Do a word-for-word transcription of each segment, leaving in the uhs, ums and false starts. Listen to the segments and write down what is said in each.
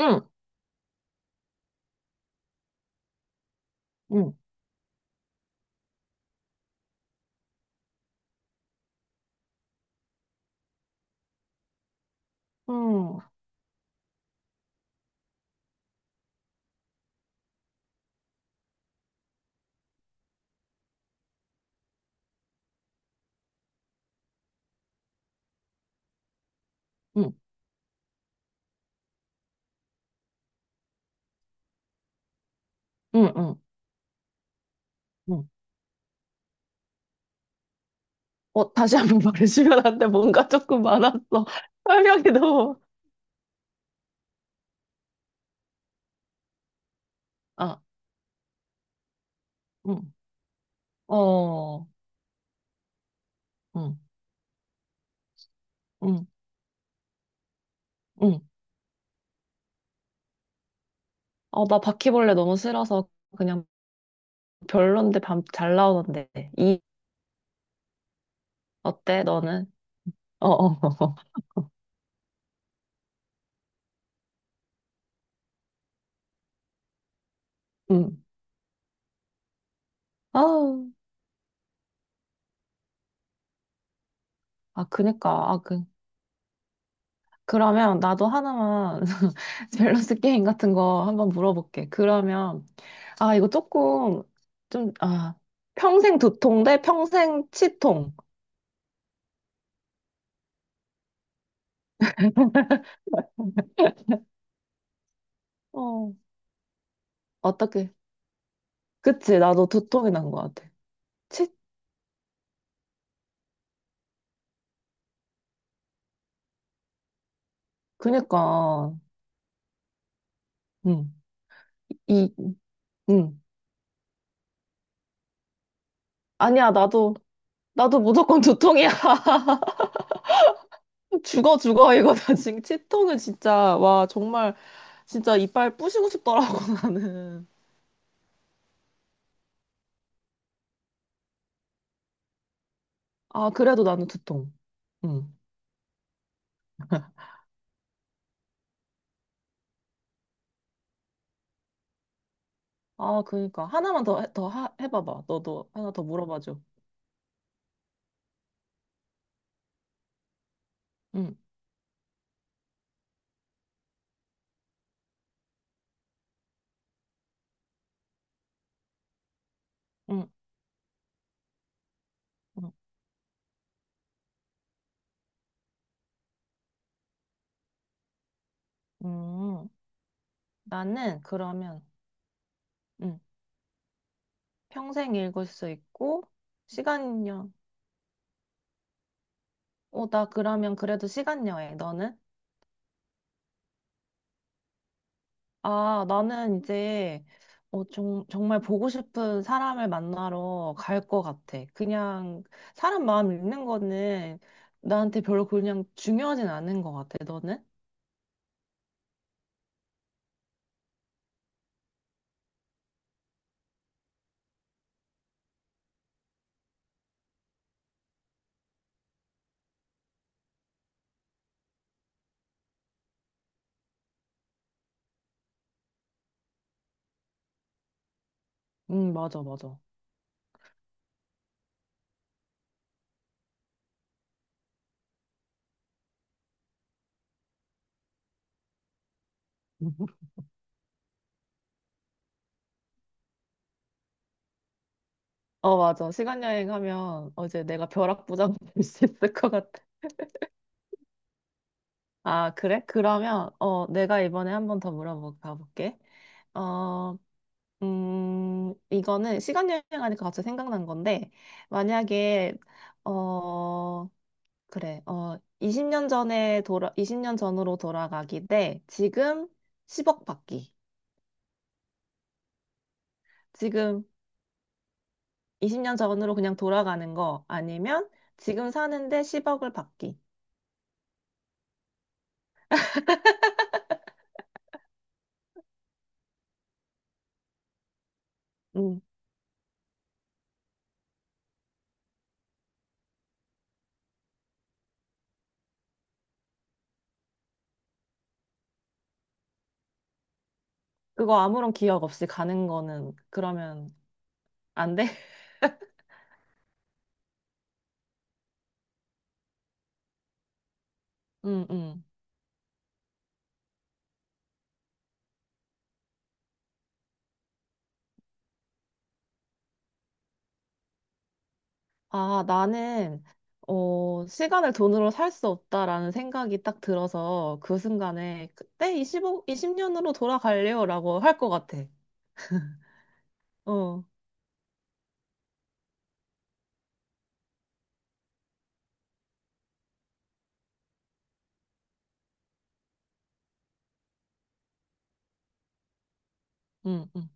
응, 응, 응, 응, 응, 응. 응. 어, 다시 한번 말해주면 안 돼. 뭔가 조금 많았어. 설명이 너무. 아, 응, 어, 응, 응, 응. 어, 나 바퀴벌레 너무 싫어서 그냥 별론데 밤 잘 나오는데. 이, 어때, 너는? 어, 어, 어. 어. 응. 아, 아, 그니까. 아, 그, 그러면 나도 하나만 밸런스 게임 같은 거 한번 물어볼게. 그러면, 아, 이거 조금, 좀, 아, 평생 두통 대 평생 치통. 어, 어떻게. 그치, 나도 두통이 난 것 같아. 치, 그니까, 응, 이, 응. 아니야, 나도, 나도 무조건 두통이야. 죽어, 죽어, 이거 나 지금 치통은 진짜, 와, 정말, 진짜 이빨 부시고 싶더라고, 나는. 아, 그래도 나는 두통. 응. 아, 그니까. 하나만 더, 해- 더 하, 해봐봐. 너도 하나 더 물어봐줘. 응, 응, 응, 응. 나는 그러면, 응, 평생 읽을 수 있고, 시간여. 어, 나 그러면 그래도 시간여행. 너는? 아, 나는 이제, 어, 정, 정말 보고 싶은 사람을 만나러 갈 것 같아. 그냥, 사람 마음 읽는 거는 나한테 별로 그냥 중요하진 않은 것 같아. 너는? 응, 맞아, 맞아. 어, 맞아. 시간 여행하면 어, 이제 내가 벼락부장 될 수 있을 것 같아. 아, 그래? 그러면 어, 내가 이번에 한번 더 물어볼까 볼게. 어, 음, 이거는 시간 여행하니까 갑자기 생각난 건데 만약에 어, 그래. 어, 이십 년 전에 돌아 이십 년 전으로 돌아가기 대 지금 십억 받기. 지금 이십 년 전으로 그냥 돌아가는 거 아니면 지금 사는데 십억을 받기. 음. 그거 아무런 기억 없이 가는 거는 그러면 안 돼? 응, 응. 아, 나는, 어, 시간을 돈으로 살 수 없다라는 생각이 딱 들어서 그 순간에 그때 이 오 이영 년으로 돌아갈래요라고 할 것 같아. 어, 응, 응.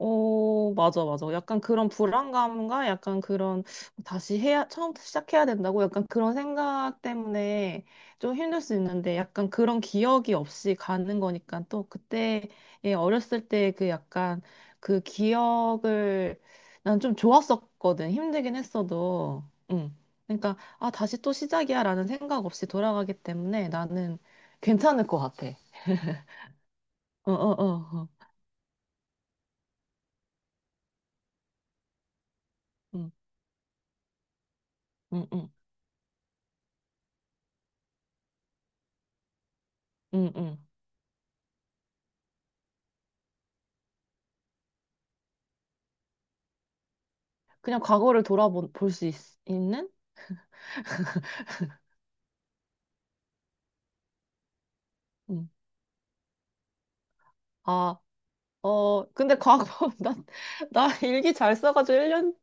어, 맞아, 맞아. 약간 그런 불안감과 약간 그런 다시 해야, 처음부터 시작해야 된다고 약간 그런 생각 때문에 좀 힘들 수 있는데 약간 그런 기억이 없이 가는 거니까 또 그때 예, 어렸을 때 그 약간 그 기억을 난 좀 좋았었거든. 힘들긴 했어도. 응. 그러니까 아, 다시 또 시작이야 라는 생각 없이 돌아가기 때문에 나는 괜찮을 것 같아. 어, 어, 어, 어. 응, 응, 응, 응, 응. 그냥 과거를 돌아볼 수 있, 는 음. 아, 어, 근데 과거, 나, 나 일기 잘 써가지고 일 년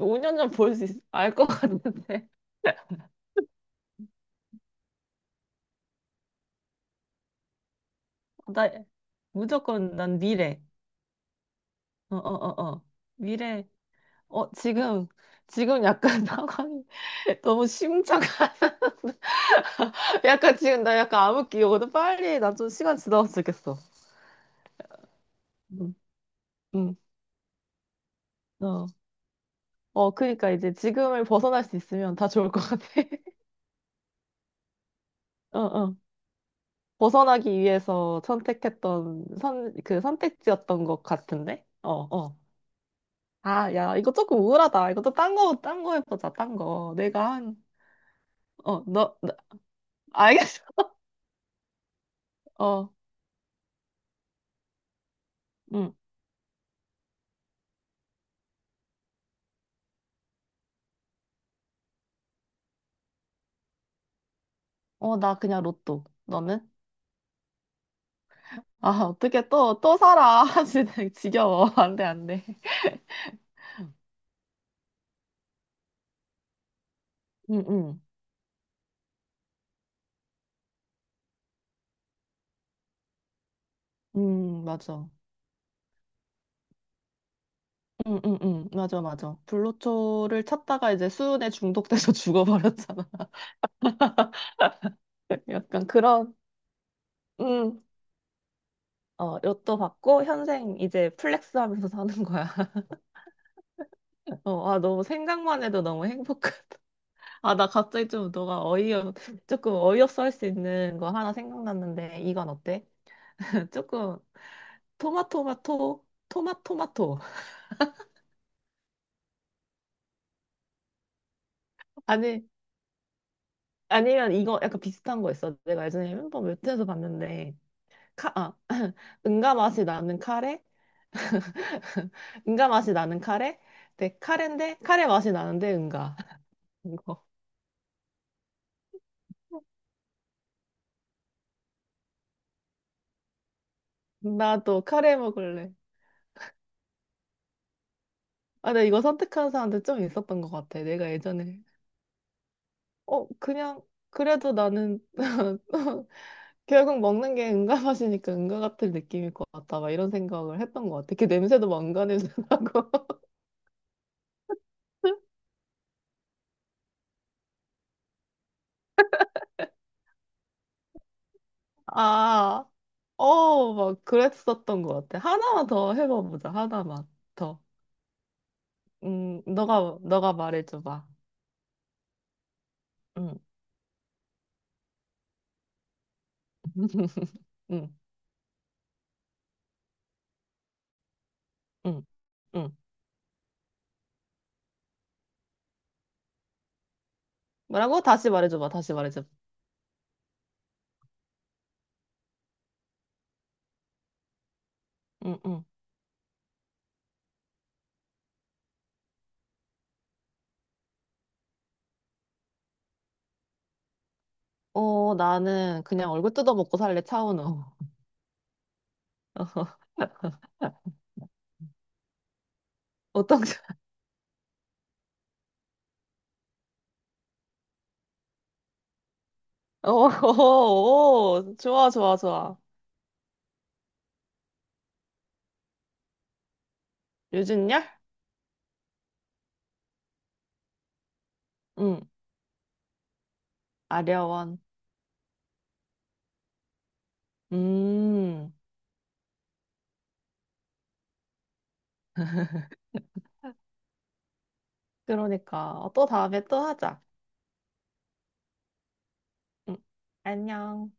오 년 전 볼 수 있, 알 것 같은데. 나 무조건 난 미래. 어, 어, 어, 어. 미래. 어, 지금, 지금 약간 상황이 너무 심각한. 약간 지금 나 약간 암흑기 오거든. 빨리 난 좀 시간 지나면 좋겠어. 응, 응, 어. 어, 그니까 이제 지금을 벗어날 수 있으면 다 좋을 것 같아. 어, 어. 벗어나기 위해서 선택했던 선, 그 선택지였던 것 같은데? 어, 어. 아, 야, 이거 조금 우울하다. 이것도 딴 거, 딴 거 해보자, 딴 거. 내가 한, 어, 너, 나- 알겠어. 어, 응. 어, 나 그냥 로또. 너는? 아, 어떻게 또, 또 살아. 진짜 지겨워. 안 돼, 안 돼. 응, 응. 응, 맞아. 응, 응, 응. 맞아, 맞아. 불로초를 찾다가 이제 수은에 중독돼서 죽어버렸잖아. 약간 그런, 응. 어, 로또 받고 현생 이제 플렉스 하면서 사는 거야. 어, 아, 너무 생각만 해도 너무 행복하다. 아, 나 갑자기 좀 너가 어이없, 조금 어이없어 할 수 있는 거 하나 생각났는데, 이건 어때? 조금 토마토마토, 토마토마토. 아니, 아니면 이거 약간 비슷한 거 있어. 내가 예전에 햄버거 웹툰에서 봤는데, 카, 아, 응가 맛이 나는 카레? 응가 맛이 나는 카레? 네, 카레인데, 카레 맛이 나는데 응가. 이거. 나도 카레 먹을래. 아, 나 이거 선택한 사람들 좀 있었던 것 같아. 내가 예전에. 어, 그냥, 그래도 나는, 결국 먹는 게 은가 맛이니까 은가 같은 느낌일 것 같다. 막 이런 생각을 했던 것 같아. 그 냄새도 막 은가 냄새 나고. 아, 어, 막 그랬었던 것 같아. 하나만 더 해봐보자. 하나만 더. 음, 너가, 너가 말해줘봐. 응, 응, 응, 응. 뭐라고? 다시 말해줘봐. 다시 말해줘봐. 응, 응. 어, 나는 그냥 얼굴 뜯어먹고 살래, 차은우. 어떤, 오, 오, 오, 좋아, 좋아, 좋아. 유준열? 응, 아려원. 음, 그러니까. 어, 또 다음에 또 하자. 응. 안녕.